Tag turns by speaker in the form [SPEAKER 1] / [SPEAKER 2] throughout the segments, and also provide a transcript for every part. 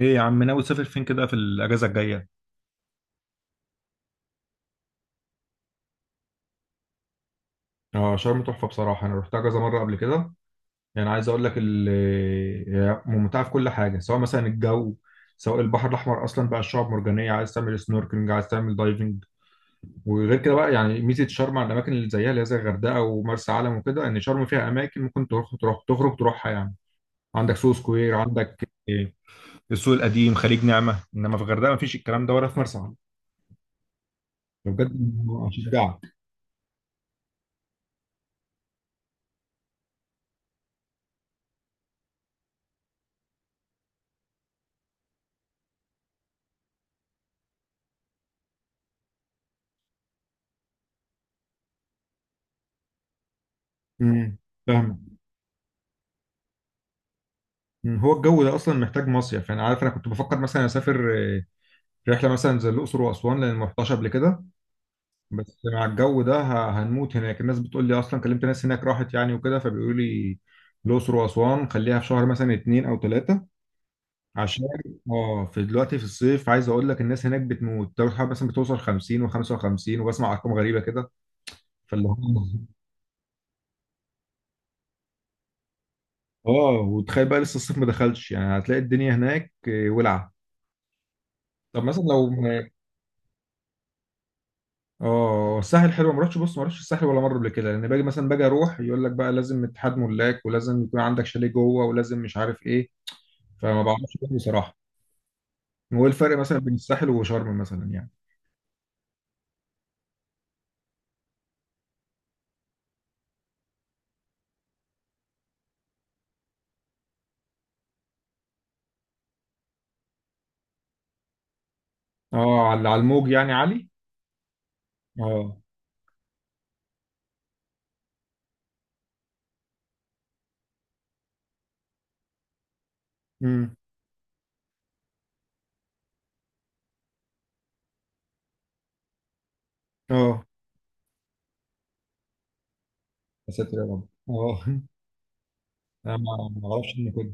[SPEAKER 1] ايه يا عم، ناوي تسافر فين كده في الاجازه الجايه؟ اه، شرم تحفة بصراحة. أنا روحتها كذا مرة قبل كده. يعني عايز أقول لك هي ممتعة في كل حاجة، سواء مثلا الجو، سواء البحر الأحمر. أصلا بقى الشعاب مرجانية، عايز تعمل سنوركلينج، عايز تعمل دايفنج. وغير كده بقى، يعني ميزة شرم على الأماكن اللي زيها، اللي هي زي الغردقة ومرسى علم وكده، إن شرم فيها أماكن ممكن تروح، تخرج تروحها يعني. عندك سوق سكوير، عندك إيه، السوق القديم، خليج نعمه. انما في الغردقه مفيش الكلام ده، ولا في مرسى علم، بجد. أشجعك. أمم، فاهمك. هو الجو ده اصلا محتاج مصيف يعني. عارف، انا كنت بفكر مثلا اسافر رحله مثلا زي الاقصر واسوان، لان ما رحتهاش قبل كده. بس مع الجو ده هنموت هناك. الناس بتقول لي، اصلا كلمت ناس هناك راحت يعني وكده، فبيقولوا لي الاقصر واسوان خليها في شهر مثلا اتنين او تلاته. عشان اه، في دلوقتي في الصيف، عايز اقول لك الناس هناك بتموت. درجه الحراره مثلا بتوصل 50 و55، وبسمع ارقام غريبه كده. فاللي هو اه، وتخيل بقى لسه الصيف ما دخلش، يعني هتلاقي الدنيا هناك ولعه. طب مثلا لو اه الساحل حلو. ما رحتش، بص، ما رحتش الساحل ولا مره قبل كده، لان باجي مثلا، باجي اروح يقول لك بقى لازم اتحاد ملاك، ولازم يكون عندك شاليه جوه، ولازم مش عارف ايه. فما بعرفش أروح بصراحه. هو إيه الفرق مثلا بين الساحل وشرم مثلا يعني؟ اه، على على الموج يعني عالي. اه. امم. اه يا ساتر يا رب اه انا ما اعرفش انه كده.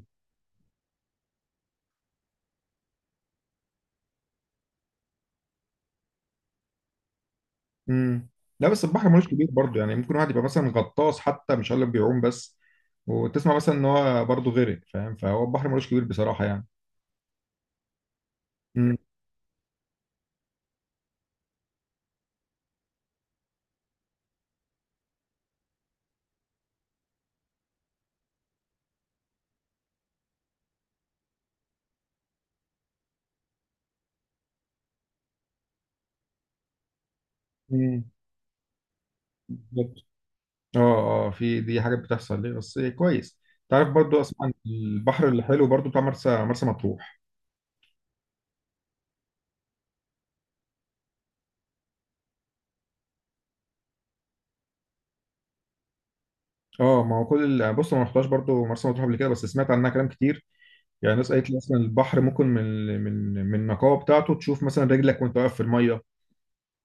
[SPEAKER 1] امم. لا بس البحر ملوش كبير برضه، يعني ممكن واحد يبقى مثلا غطاس حتى، مش هقول لك بيعوم بس، وتسمع مثلا ان هو برضه غرق، فاهم؟ فهو البحر ملوش كبير بصراحه يعني. امم. امم. اه اه، في دي حاجات بتحصل ليه، بس كويس. تعرف برضو اسمع عن البحر الحلو برضو بتاع مرسى مطروح. اه، ما هو كل بص، أنا ما رحتهاش برضو مرسى مطروح قبل كده، بس سمعت عنها كلام كتير. يعني ناس قالت لي اصلا البحر ممكن من النقاوه بتاعته تشوف مثلا رجلك وانت واقف في الميه،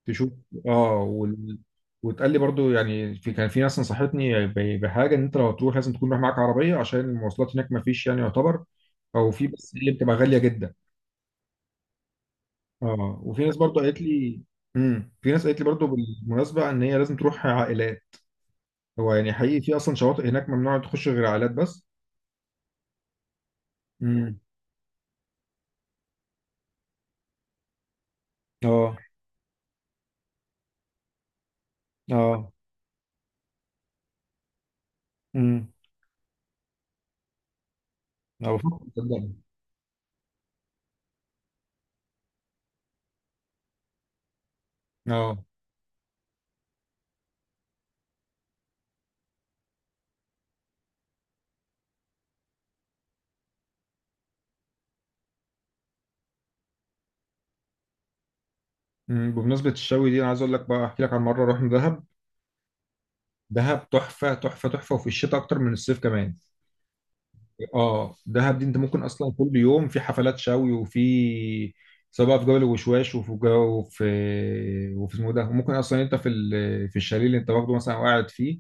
[SPEAKER 1] تشوف. اه وتقال لي برضو، يعني في، كان في ناس نصحتني بحاجه، ان انت لو هتروح لازم تكون رايح معاك عربيه، عشان المواصلات هناك ما فيش يعني، يعتبر، او في بس اللي بتبقى غاليه جدا. اه، وفي ناس برضو قالت لي، امم، في ناس قالت لي برضو بالمناسبه، ان هي لازم تروح عائلات. هو يعني حقيقي في اصلا شواطئ هناك ممنوع تخش غير عائلات بس؟ امم. اه. اه. امم. اه، بفكر صدقني. اه. امم، بمناسبه الشوي دي انا عايز اقول لك بقى، احكي لك عن مره رحنا دهب. دهب تحفه تحفه تحفه، وفي الشتاء اكتر من الصيف كمان. اه، دهب دي انت ممكن اصلا كل يوم في حفلات شوي، وفي سواء بقى في جبل الوشواش، وفي جو، وفي وفي اسمه إيه ده. وممكن اصلا انت في في الشاليه اللي انت واخده مثلا وقاعد فيه،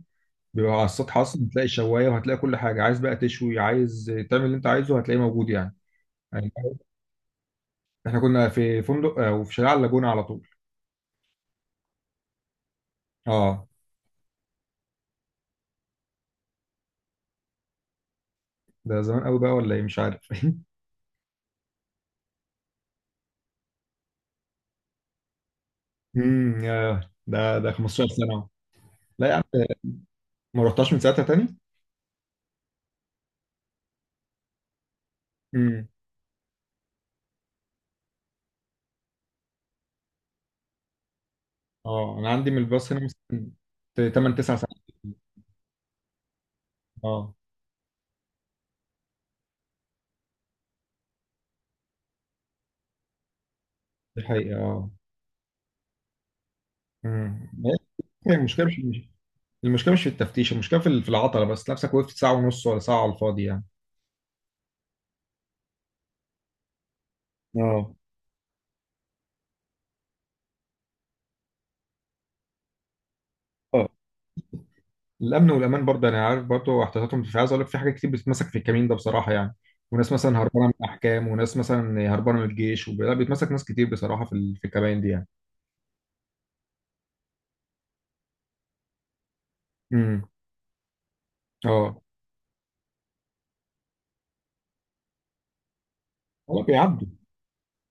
[SPEAKER 1] بيبقى على السطح اصلا بتلاقي شوايه، وهتلاقي كل حاجه، عايز بقى تشوي، عايز تعمل اللي انت عايزه هتلاقيه موجود يعني. يعني احنا كنا في فندق وفي شارع على اللاجونه على طول. اه، ده زمان قوي بقى ولا ايه مش عارف امم، ده 15 سنه. لا يا عم. ما رحتهاش من ساعتها. تاني. اه، انا عندي من الباص هنا مثلا 8 9 ساعات. اه، دي حقيقة. اه. أمم. هي المشكلة المشكلة مش في التفتيش، المشكلة في في العطلة. بس نفسك وقفت ساعة ونص ولا ساعة على الفاضي يعني. اه. اه، الأمن والأمان برضه، أنا عارف، برضه احتياطاتهم، مش عايز أقول لك في حاجات كتير بتتمسك في الكمين ده بصراحة يعني. وناس مثلا هربانة من الأحكام، وناس مثلا هربانة من الجيش، لا بيتمسك ناس كتير بصراحة في في الكمين دي يعني. امم. اه. هو بيعدوا.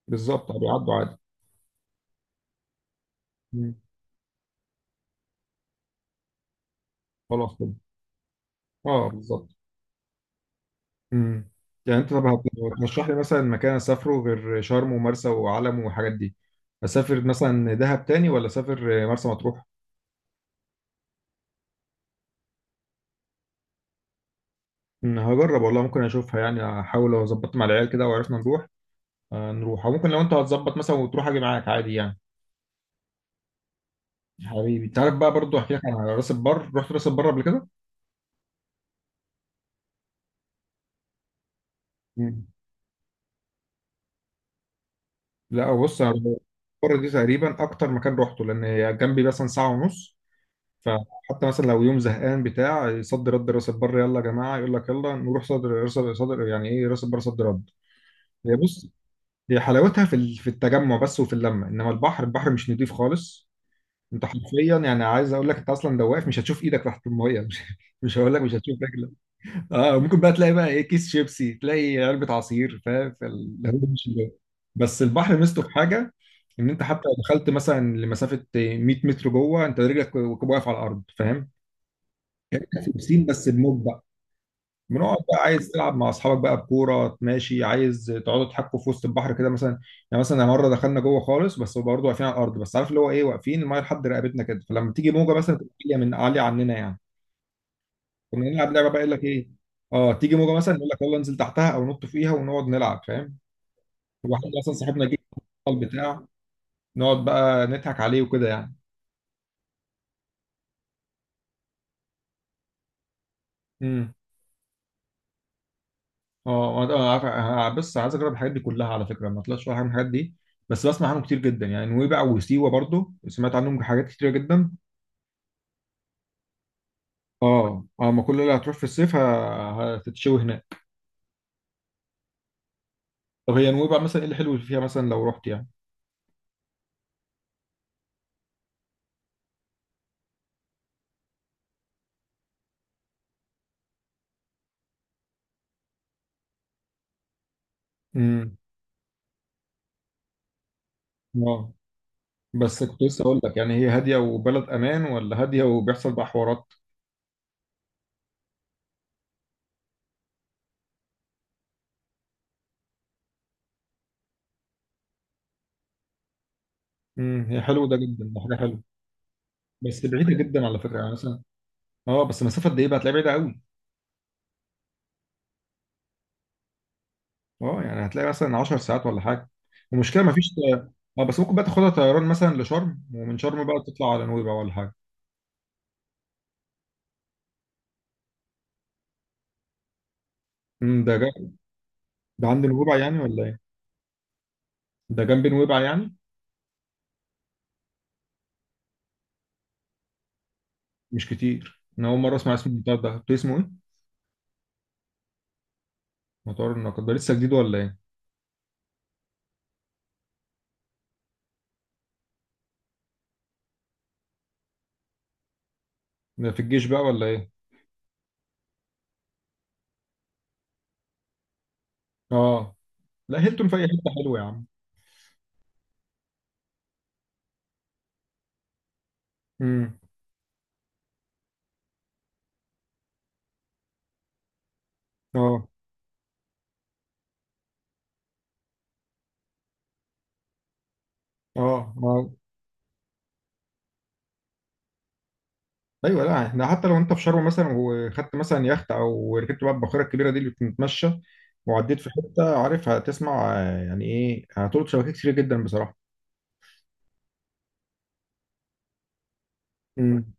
[SPEAKER 1] بالظبط بيعدوا عادي. أمم. خلاص كده. اه، بالظبط. امم. يعني انت، طب هترشح لي مثلا مكان اسافره غير شرم ومرسى وعلم والحاجات دي؟ اسافر مثلا دهب تاني، ولا اسافر مرسى مطروح؟ هجرب والله، ممكن اشوفها يعني، احاول لو ظبطت مع العيال كده وعرفنا نروح. نروح، او ممكن لو انت هتظبط مثلا وتروح اجي معاك عادي يعني. حبيبي، انت عارف بقى برضو، احكي لك على راس البر. رحت راس البر قبل كده؟ مم. لا بص، انا راس البر دي تقريبا اكتر مكان روحته، لان هي جنبي مثلا ساعه ونص. فحتى مثلا لو يوم زهقان بتاع، يصد رد راس البر، يلا يا جماعه، يقول لك يلا نروح صدر صدر صدر يعني ايه راس البر صد رد. هي بص، هي حلاوتها في في التجمع بس وفي اللمه، انما البحر، البحر مش نضيف خالص. انت حرفيا، يعني عايز اقول لك انت اصلا لو واقف مش هتشوف ايدك تحت الميه، مش مش هقول لك مش هتشوف رجلك. اه، ممكن بقى تلاقي بقى ايه، كيس شيبسي، تلاقي علبه عصير، فاهم؟ هو مش بس البحر ميزته في حاجه، ان انت حتى لو دخلت مثلا لمسافه 100 متر جوه، انت رجلك واقف على الارض، فاهم؟ تمثيل بس بموج بقى. بنقعد بقى، عايز تلعب مع اصحابك بقى بكوره، ماشي، عايز تقعدوا تحكوا في وسط البحر كده مثلا. يعني مثلا مره دخلنا جوه خالص، بس برضه واقفين على الارض، بس عارف اللي هو ايه، واقفين المايه لحد رقبتنا كده، فلما تيجي موجه مثلا تبقى عاليه، من عاليه عننا يعني. كنا نلعب لعبه بقى، يقول لك ايه، اه تيجي موجه مثلا يقول لك يلا انزل تحتها او نط فيها، ونقعد نلعب فاهم. واحد مثلا صاحبنا جه البتاع، نقعد بقى نضحك عليه وكده يعني. امم. اه، أنا عارف. أنا بس عايز اجرب الحاجات دي كلها. على فكره، ما طلعتش ولا حاجه من الحاجات دي، بس بسمع عنهم كتير جدا. يعني نويبع وسيوه برضو سمعت عنهم حاجات كتيره جدا. اه. اه، ما كل اللي هتروح في الصيف هتتشوي هناك. طب هي نويبع مثلا ايه الحلو اللي فيها، مثلا لو رحت يعني؟ امم. اه، بس كنت لسه اقول لك، يعني هي هاديه وبلد امان، ولا هاديه وبيحصل بقى حوارات؟ امم. هي حلو ده جدا، ده حاجه حلوه. بس بعيده جدا على فكره، يعني مثلا، اه بس مسافه قد ايه بقى هتلاقيها بعيده قوي. اه، يعني هتلاقي مثلا 10 ساعات ولا حاجه. المشكله ما فيش. اه، بس ممكن بقى تاخدها طيران مثلا لشرم، ومن شرم بقى تطلع على نويبع ولا حاجه. امم، ده جنب. ده عند نويبع يعني ولا ايه؟ ده جنب نويبع يعني؟ مش كتير، انا اول مره اسمع اسم المطار ده. اسمه ايه؟ مطار النقد ده لسه جديد ولا ايه؟ ده في الجيش بقى ولا ايه؟ اه، لا هيلتون في اي حته حلوه يا عم. امم. اه. اه. آه. ايوه، لا، احنا حتى لو انت في شرم مثلا وخدت مثلا يخت، او ركبت بقى الباخره الكبيره دي اللي بتتمشى وعديت في حته عارفها، هتسمع يعني ايه، هتلقط شبكات كتير جدا بصراحه. امم.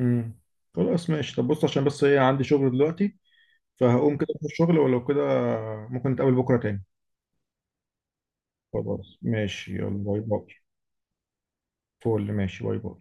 [SPEAKER 1] امم. خلاص ماشي. طب بص، عشان بس ايه، عندي شغل دلوقتي، فهقوم كده في الشغل، ولو كده ممكن نتقابل بكره تاني. خلاص ماشي، يلا باي باي. فول ماشي باي باي.